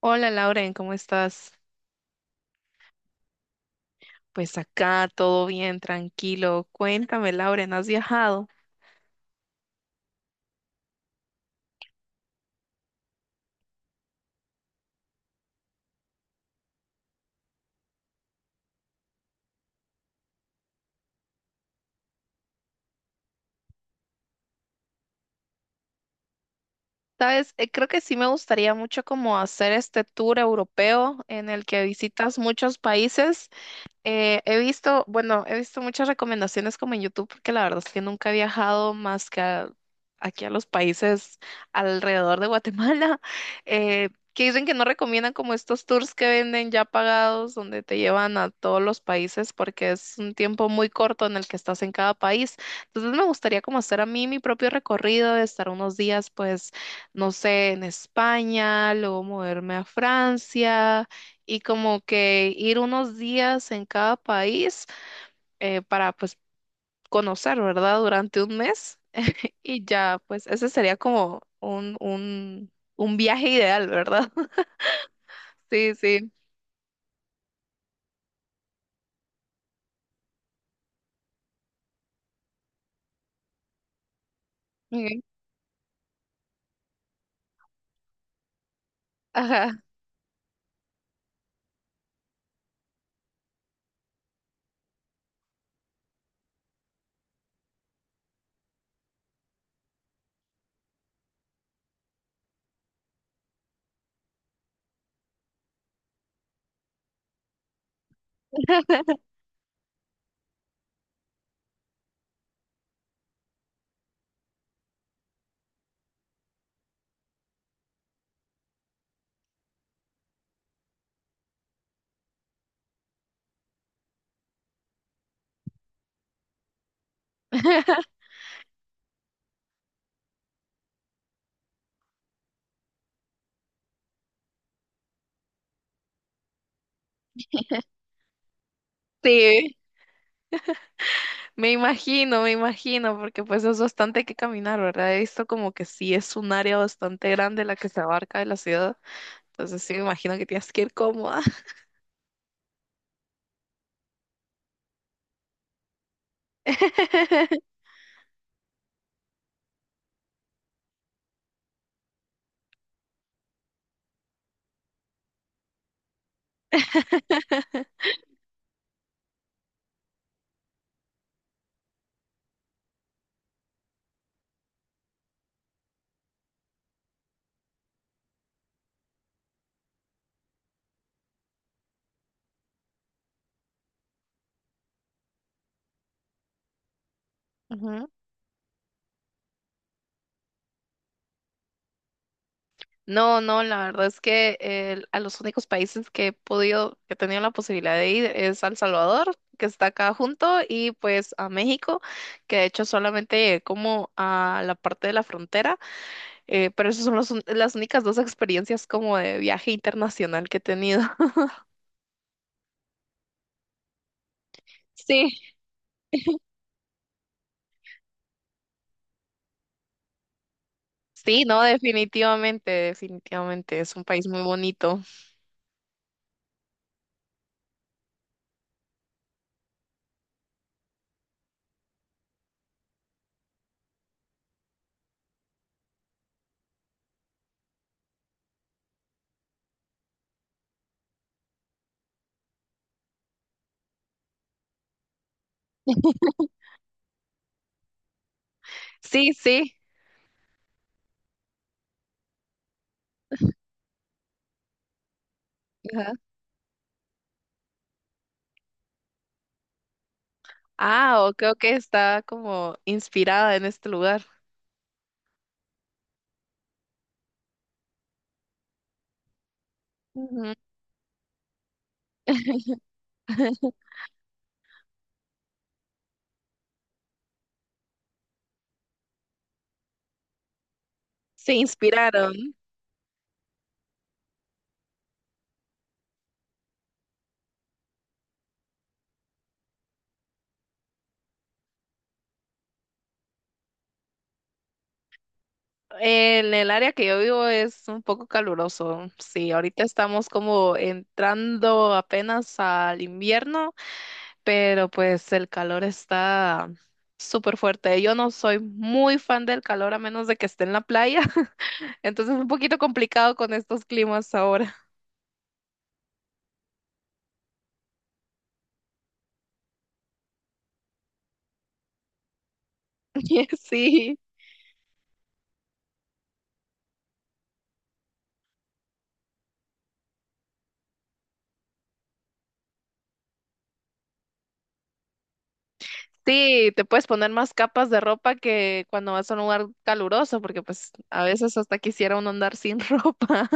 Hola Lauren, ¿cómo estás? Pues acá todo bien, tranquilo. Cuéntame, Lauren, ¿has viajado? Sabes, creo que sí me gustaría mucho como hacer este tour europeo en el que visitas muchos países. He visto, bueno, he visto muchas recomendaciones como en YouTube, porque la verdad es que nunca he viajado más que aquí a los países alrededor de Guatemala, que dicen que no recomiendan como estos tours que venden ya pagados, donde te llevan a todos los países, porque es un tiempo muy corto en el que estás en cada país. Entonces me gustaría como hacer a mí mi propio recorrido, de estar unos días, pues, no sé, en España, luego moverme a Francia y como que ir unos días en cada país para pues conocer, ¿verdad? Durante un mes y ya, pues ese sería como un viaje ideal, ¿verdad? Sí, sí. Ok. Ajá. Sí, me imagino, porque pues es bastante que caminar, ¿verdad? He visto como que sí es un área bastante grande la que se abarca de la ciudad, entonces sí me imagino que tienes que ir cómoda. Ujú. No, no, la verdad es que a los únicos países que he podido, que he tenido la posibilidad de ir es a El Salvador, que está acá junto, y pues a México, que de hecho solamente llegué como a la parte de la frontera, pero esas son las únicas dos experiencias como de viaje internacional que he tenido. Sí. Sí, no, definitivamente, definitivamente, es un país muy bonito. Sí, sí. Ajá. Ah, o creo que está como inspirada en este lugar. Ujú. Se inspiraron. En el área que yo vivo es un poco caluroso. Sí, ahorita estamos como entrando apenas al invierno, pero pues el calor está súper fuerte. Yo no soy muy fan del calor a menos de que esté en la playa, entonces es un poquito complicado con estos climas ahora. Sí. Sí, te puedes poner más capas de ropa que cuando vas a un lugar caluroso, porque pues a veces hasta quisiera uno andar sin ropa.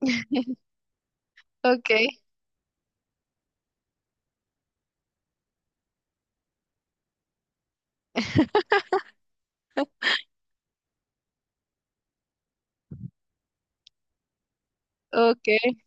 Ok. Ok.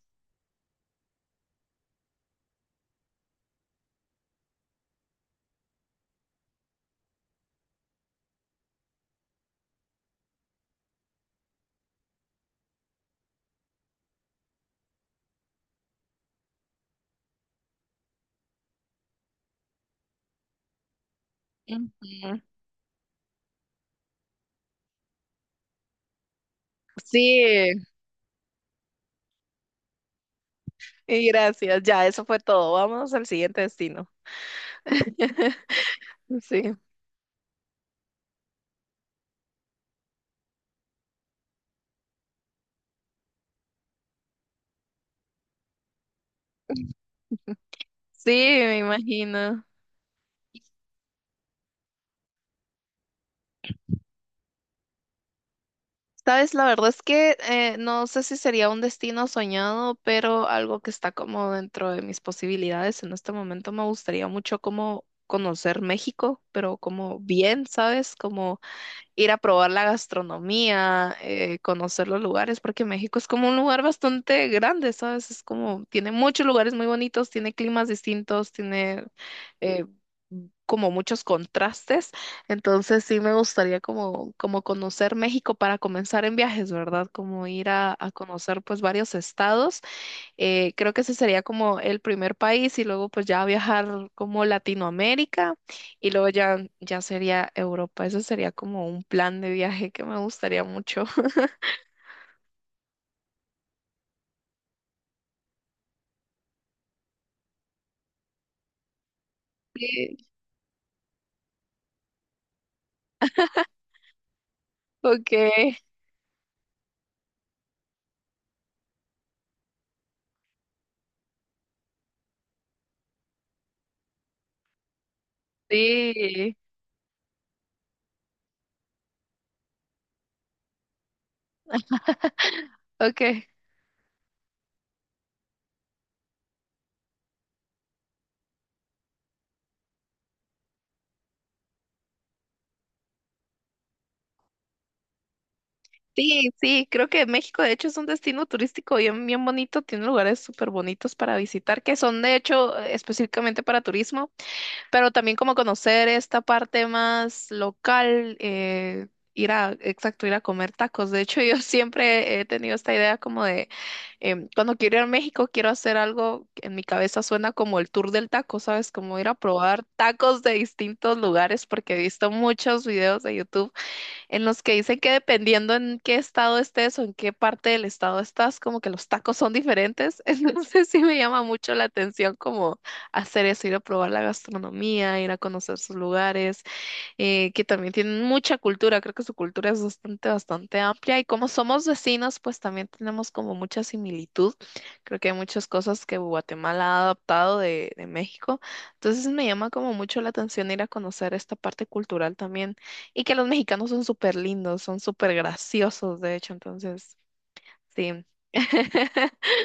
Ujú. Sí, y gracias. Ya, eso fue todo. Vámonos al siguiente destino. Sí, sí, me imagino. Sabes, la verdad es que no sé si sería un destino soñado, pero algo que está como dentro de mis posibilidades. En este momento me gustaría mucho como conocer México, pero como bien, ¿sabes? Como ir a probar la gastronomía, conocer los lugares, porque México es como un lugar bastante grande, ¿sabes? Es como, tiene muchos lugares muy bonitos, tiene climas distintos, tiene eh, como muchos contrastes. Entonces sí me gustaría como conocer México para comenzar en viajes, ¿verdad? Como ir a conocer pues varios estados creo que ese sería como el primer país y luego pues ya viajar como Latinoamérica y luego ya, ya sería Europa. Ese sería como un plan de viaje que me gustaría mucho. Sí, okay, sí, okay. Sí, sí, creo que México de hecho es un destino turístico bien, bien bonito, tiene lugares súper bonitos para visitar, que son de hecho específicamente para turismo, pero también como conocer esta parte más local, ir a, exacto, ir a comer tacos. De hecho, yo siempre he tenido esta idea como de, em, cuando quiero ir a México, quiero hacer algo que en mi cabeza suena como el tour del taco, ¿sabes? Como ir a probar tacos de distintos lugares, porque he visto muchos videos de YouTube en los que dicen que dependiendo en qué estado estés o en qué parte del estado estás, como que los tacos son diferentes. Entonces sí me llama mucho la atención como hacer eso, ir a probar la gastronomía, ir a conocer sus lugares que también tienen mucha cultura, creo que su cultura es bastante, bastante amplia y como somos vecinos, pues también tenemos como mucha similitud. Creo que hay muchas cosas que Guatemala ha adaptado de México, entonces me llama como mucho la atención ir a conocer esta parte cultural también y que los mexicanos son súper lindos, son súper graciosos, de hecho, entonces, sí.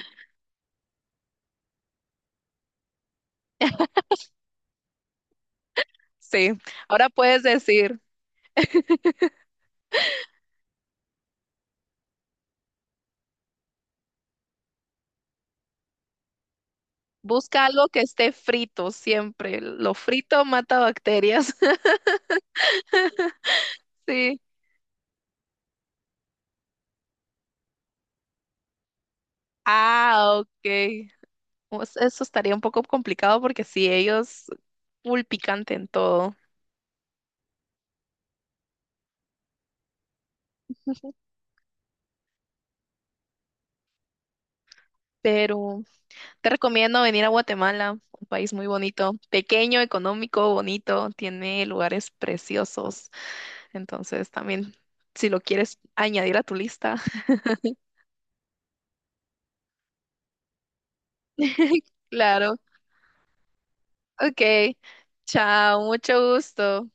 Sí, ahora puedes decir, busca algo que esté frito siempre. Lo frito mata bacterias. Sí. Ah, ok. Pues eso estaría un poco complicado porque sí, ellos full picante en todo. Pero te recomiendo venir a Guatemala, un país muy bonito, pequeño, económico, bonito, tiene lugares preciosos. Entonces también, si lo quieres añadir a tu lista, claro. Ok, chao, mucho gusto.